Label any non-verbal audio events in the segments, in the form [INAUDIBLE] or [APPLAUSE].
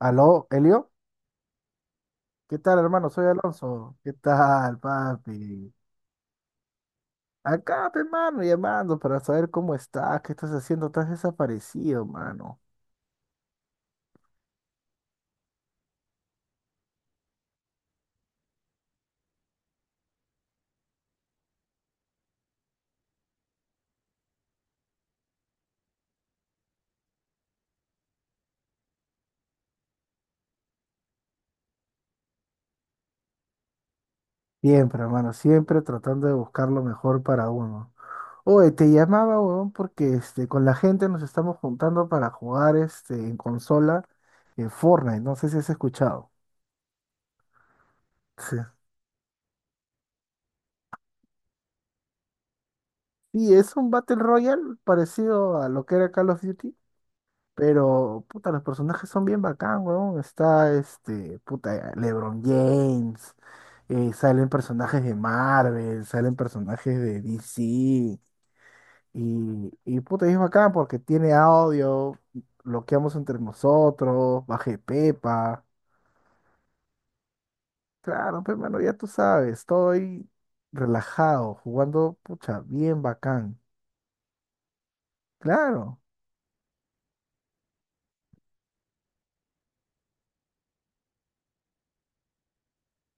Aló, Elio. ¿Qué tal, hermano? Soy Alonso. ¿Qué tal, papi? Acá, pe, hermano, llamando para saber cómo estás, qué estás haciendo. Estás desaparecido, mano. Siempre, hermano, siempre tratando de buscar lo mejor para uno. Oye, te llamaba, weón, porque con la gente nos estamos juntando para jugar en consola Fortnite. No sé si has escuchado. [LAUGHS] Sí. Sí, es un Battle Royale parecido a lo que era Call of Duty. Pero, puta, los personajes son bien bacán, weón. Está puta, LeBron James. Salen personajes de Marvel, salen personajes de DC. Y puta, es bacán porque tiene audio. Bloqueamos entre nosotros. Bajé Pepa. Claro, pero mano, ya tú sabes. Estoy relajado, jugando, pucha, bien bacán. Claro.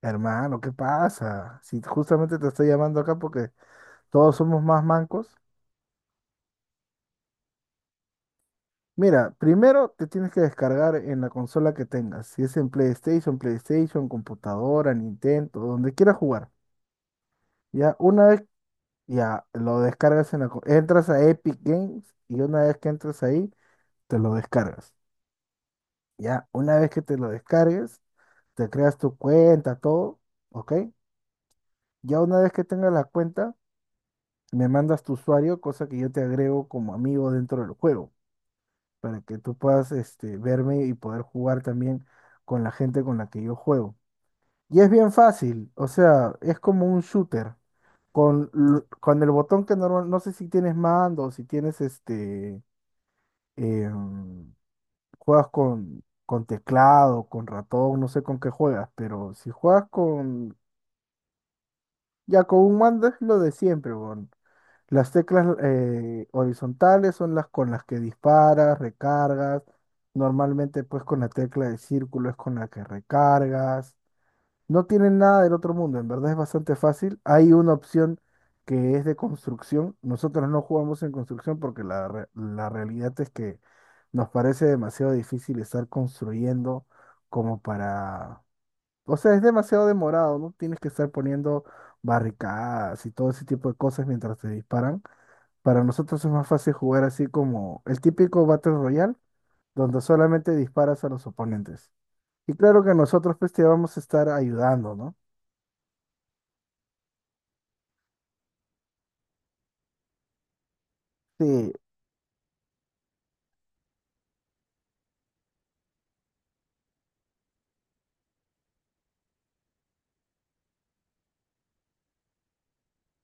Hermano, ¿qué pasa? Si justamente te estoy llamando acá porque todos somos más mancos. Mira, primero te tienes que descargar en la consola que tengas. Si es en PlayStation, computadora, Nintendo, donde quieras jugar. Ya una vez ya lo descargas en la, entras a Epic Games y una vez que entras ahí, te lo descargas. Ya una vez que te lo descargues, te creas tu cuenta, todo, ¿ok? Ya una vez que tengas la cuenta, me mandas tu usuario, cosa que yo te agrego como amigo dentro del juego, para que tú puedas verme y poder jugar también con la gente con la que yo juego. Y es bien fácil, o sea, es como un shooter. Con, con el botón que normal, no sé si tienes mando, si tienes em, juegas con teclado, con ratón, no sé con qué juegas, pero si juegas con, ya con un mando es lo de siempre, weón. Las teclas horizontales son las con las que disparas, recargas. Normalmente pues con la tecla de círculo es con la que recargas. No tienen nada del otro mundo, en verdad es bastante fácil. Hay una opción que es de construcción. Nosotros no jugamos en construcción porque la realidad es que nos parece demasiado difícil estar construyendo como para... O sea, es demasiado demorado, ¿no? Tienes que estar poniendo barricadas y todo ese tipo de cosas mientras te disparan. Para nosotros es más fácil jugar así como el típico Battle Royale, donde solamente disparas a los oponentes. Y claro que nosotros pues te vamos a estar ayudando, ¿no? Sí,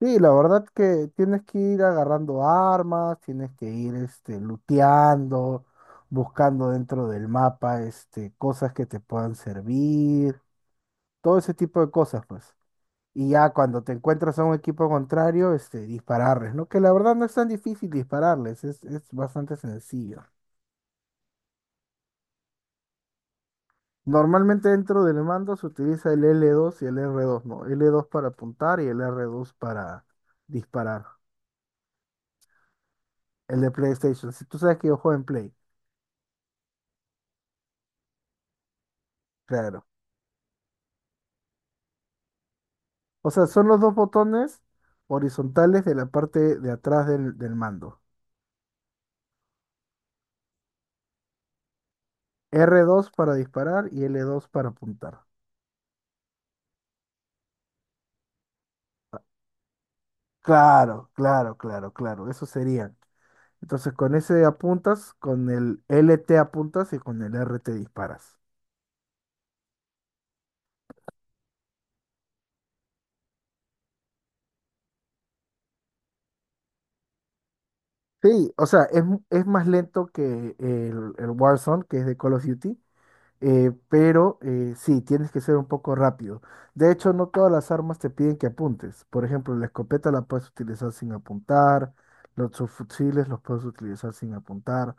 sí, la verdad que tienes que ir agarrando armas, tienes que ir looteando, buscando dentro del mapa cosas que te puedan servir, todo ese tipo de cosas, pues. Y ya cuando te encuentras a un equipo contrario, dispararles, ¿no? Que la verdad no es tan difícil dispararles, es bastante sencillo. Normalmente dentro del mando se utiliza el L2 y el R2, ¿no? L2 para apuntar y el R2 para disparar. El de PlayStation. Si tú sabes que yo juego en Play, claro. O sea, son los dos botones horizontales de la parte de atrás del mando. R2 para disparar y L2 para apuntar. Claro. Eso serían. Entonces con ese apuntas, con el L T apuntas y con el R T disparas. Sí, o sea, es más lento que el Warzone, que es de Call of Duty, pero sí, tienes que ser un poco rápido. De hecho, no todas las armas te piden que apuntes. Por ejemplo, la escopeta la puedes utilizar sin apuntar, los subfusiles los puedes utilizar sin apuntar,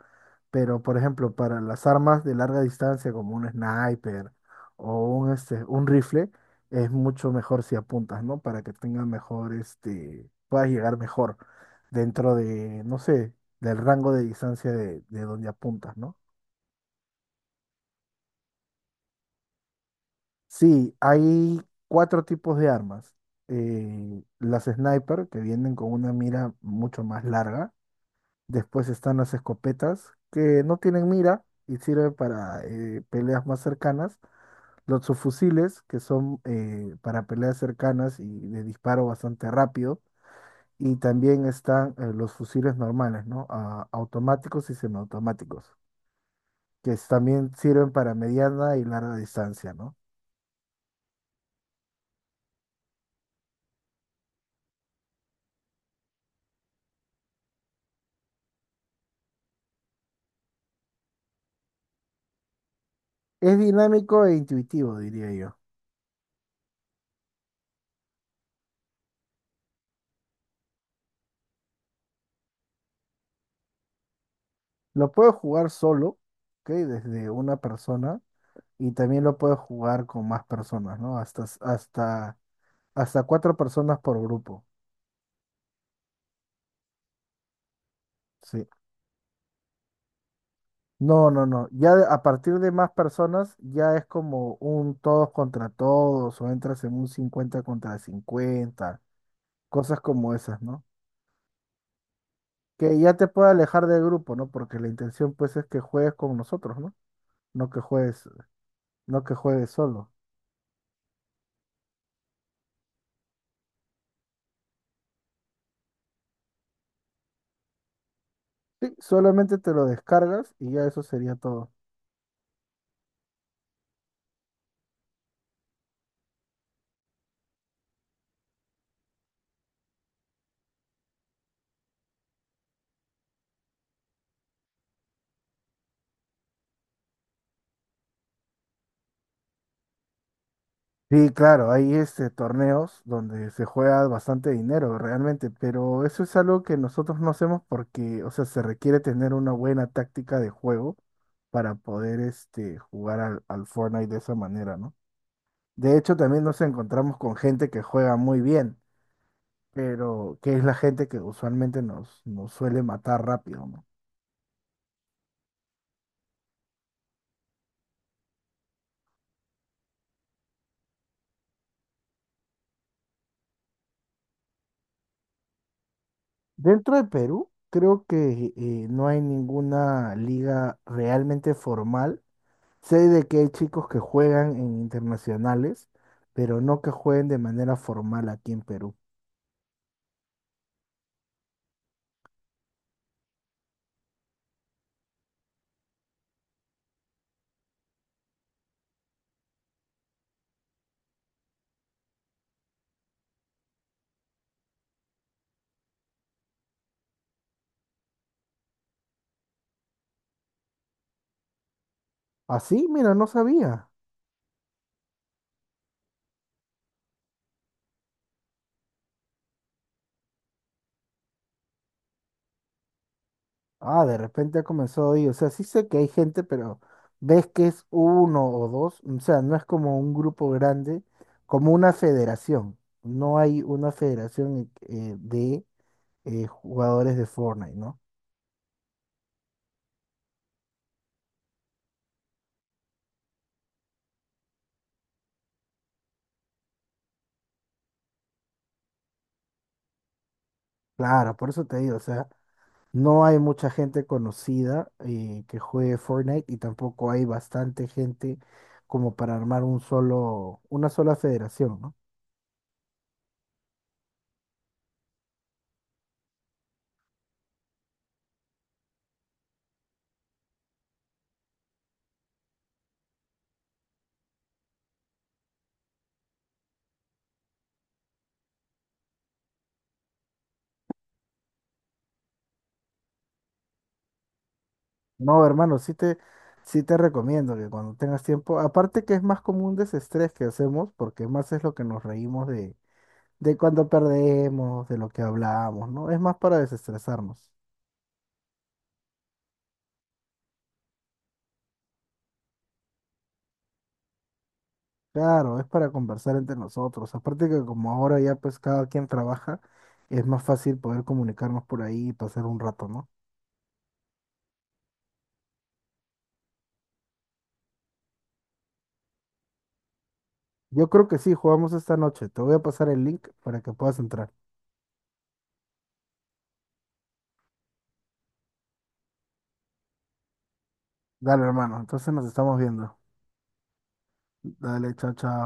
pero por ejemplo, para las armas de larga distancia como un sniper o un rifle, es mucho mejor si apuntas, ¿no? Para que tenga mejor, este, puedas llegar mejor dentro de, no sé, del rango de distancia de donde apuntas, ¿no? Sí, hay cuatro tipos de armas. Las sniper, que vienen con una mira mucho más larga. Después están las escopetas, que no tienen mira y sirven para peleas más cercanas. Los subfusiles, que son para peleas cercanas y de disparo bastante rápido. Y también están los fusiles normales, ¿no? Automáticos y semiautomáticos, también sirven para mediana y larga distancia, ¿no? Es dinámico e intuitivo, diría yo. Lo puedo jugar solo, ¿ok? Desde una persona y también lo puedo jugar con más personas, ¿no? Hasta cuatro personas por grupo, sí. No. A partir de más personas ya es como un todos contra todos o entras en un 50 contra 50, cosas como esas, ¿no? Que ya te puede alejar del grupo, ¿no? Porque la intención pues es que juegues con nosotros, ¿no? No que juegues, no que juegues solo. Sí, solamente te lo descargas y ya eso sería todo. Sí, claro, hay torneos donde se juega bastante dinero realmente, pero eso es algo que nosotros no hacemos porque, o sea, se requiere tener una buena táctica de juego para poder jugar al Fortnite de esa manera, ¿no? De hecho, también nos encontramos con gente que juega muy bien, pero que es la gente que usualmente nos suele matar rápido, ¿no? Dentro de Perú, creo que no hay ninguna liga realmente formal. Sé de que hay chicos que juegan en internacionales, pero no que jueguen de manera formal aquí en Perú. Así, mira, no sabía. Ah, de repente ha comenzado ahí. O sea, sí sé que hay gente, pero ves que es uno o dos. O sea, no es como un grupo grande, como una federación. No hay una federación de jugadores de Fortnite, ¿no? Claro, por eso te digo, o sea. No hay mucha gente conocida que juegue Fortnite y tampoco hay bastante gente como para armar una sola federación, ¿no? No, hermano, sí te recomiendo que cuando tengas tiempo, aparte que es más como un desestrés que hacemos, porque más es lo que nos reímos de cuando perdemos, de lo que hablamos, ¿no? Es más para desestresarnos. Claro, es para conversar entre nosotros. Aparte que como ahora ya pues cada quien trabaja, es más fácil poder comunicarnos por ahí y pasar un rato, ¿no? Yo creo que sí, jugamos esta noche. Te voy a pasar el link para que puedas entrar. Dale, hermano. Entonces nos estamos viendo. Dale, chao, chao.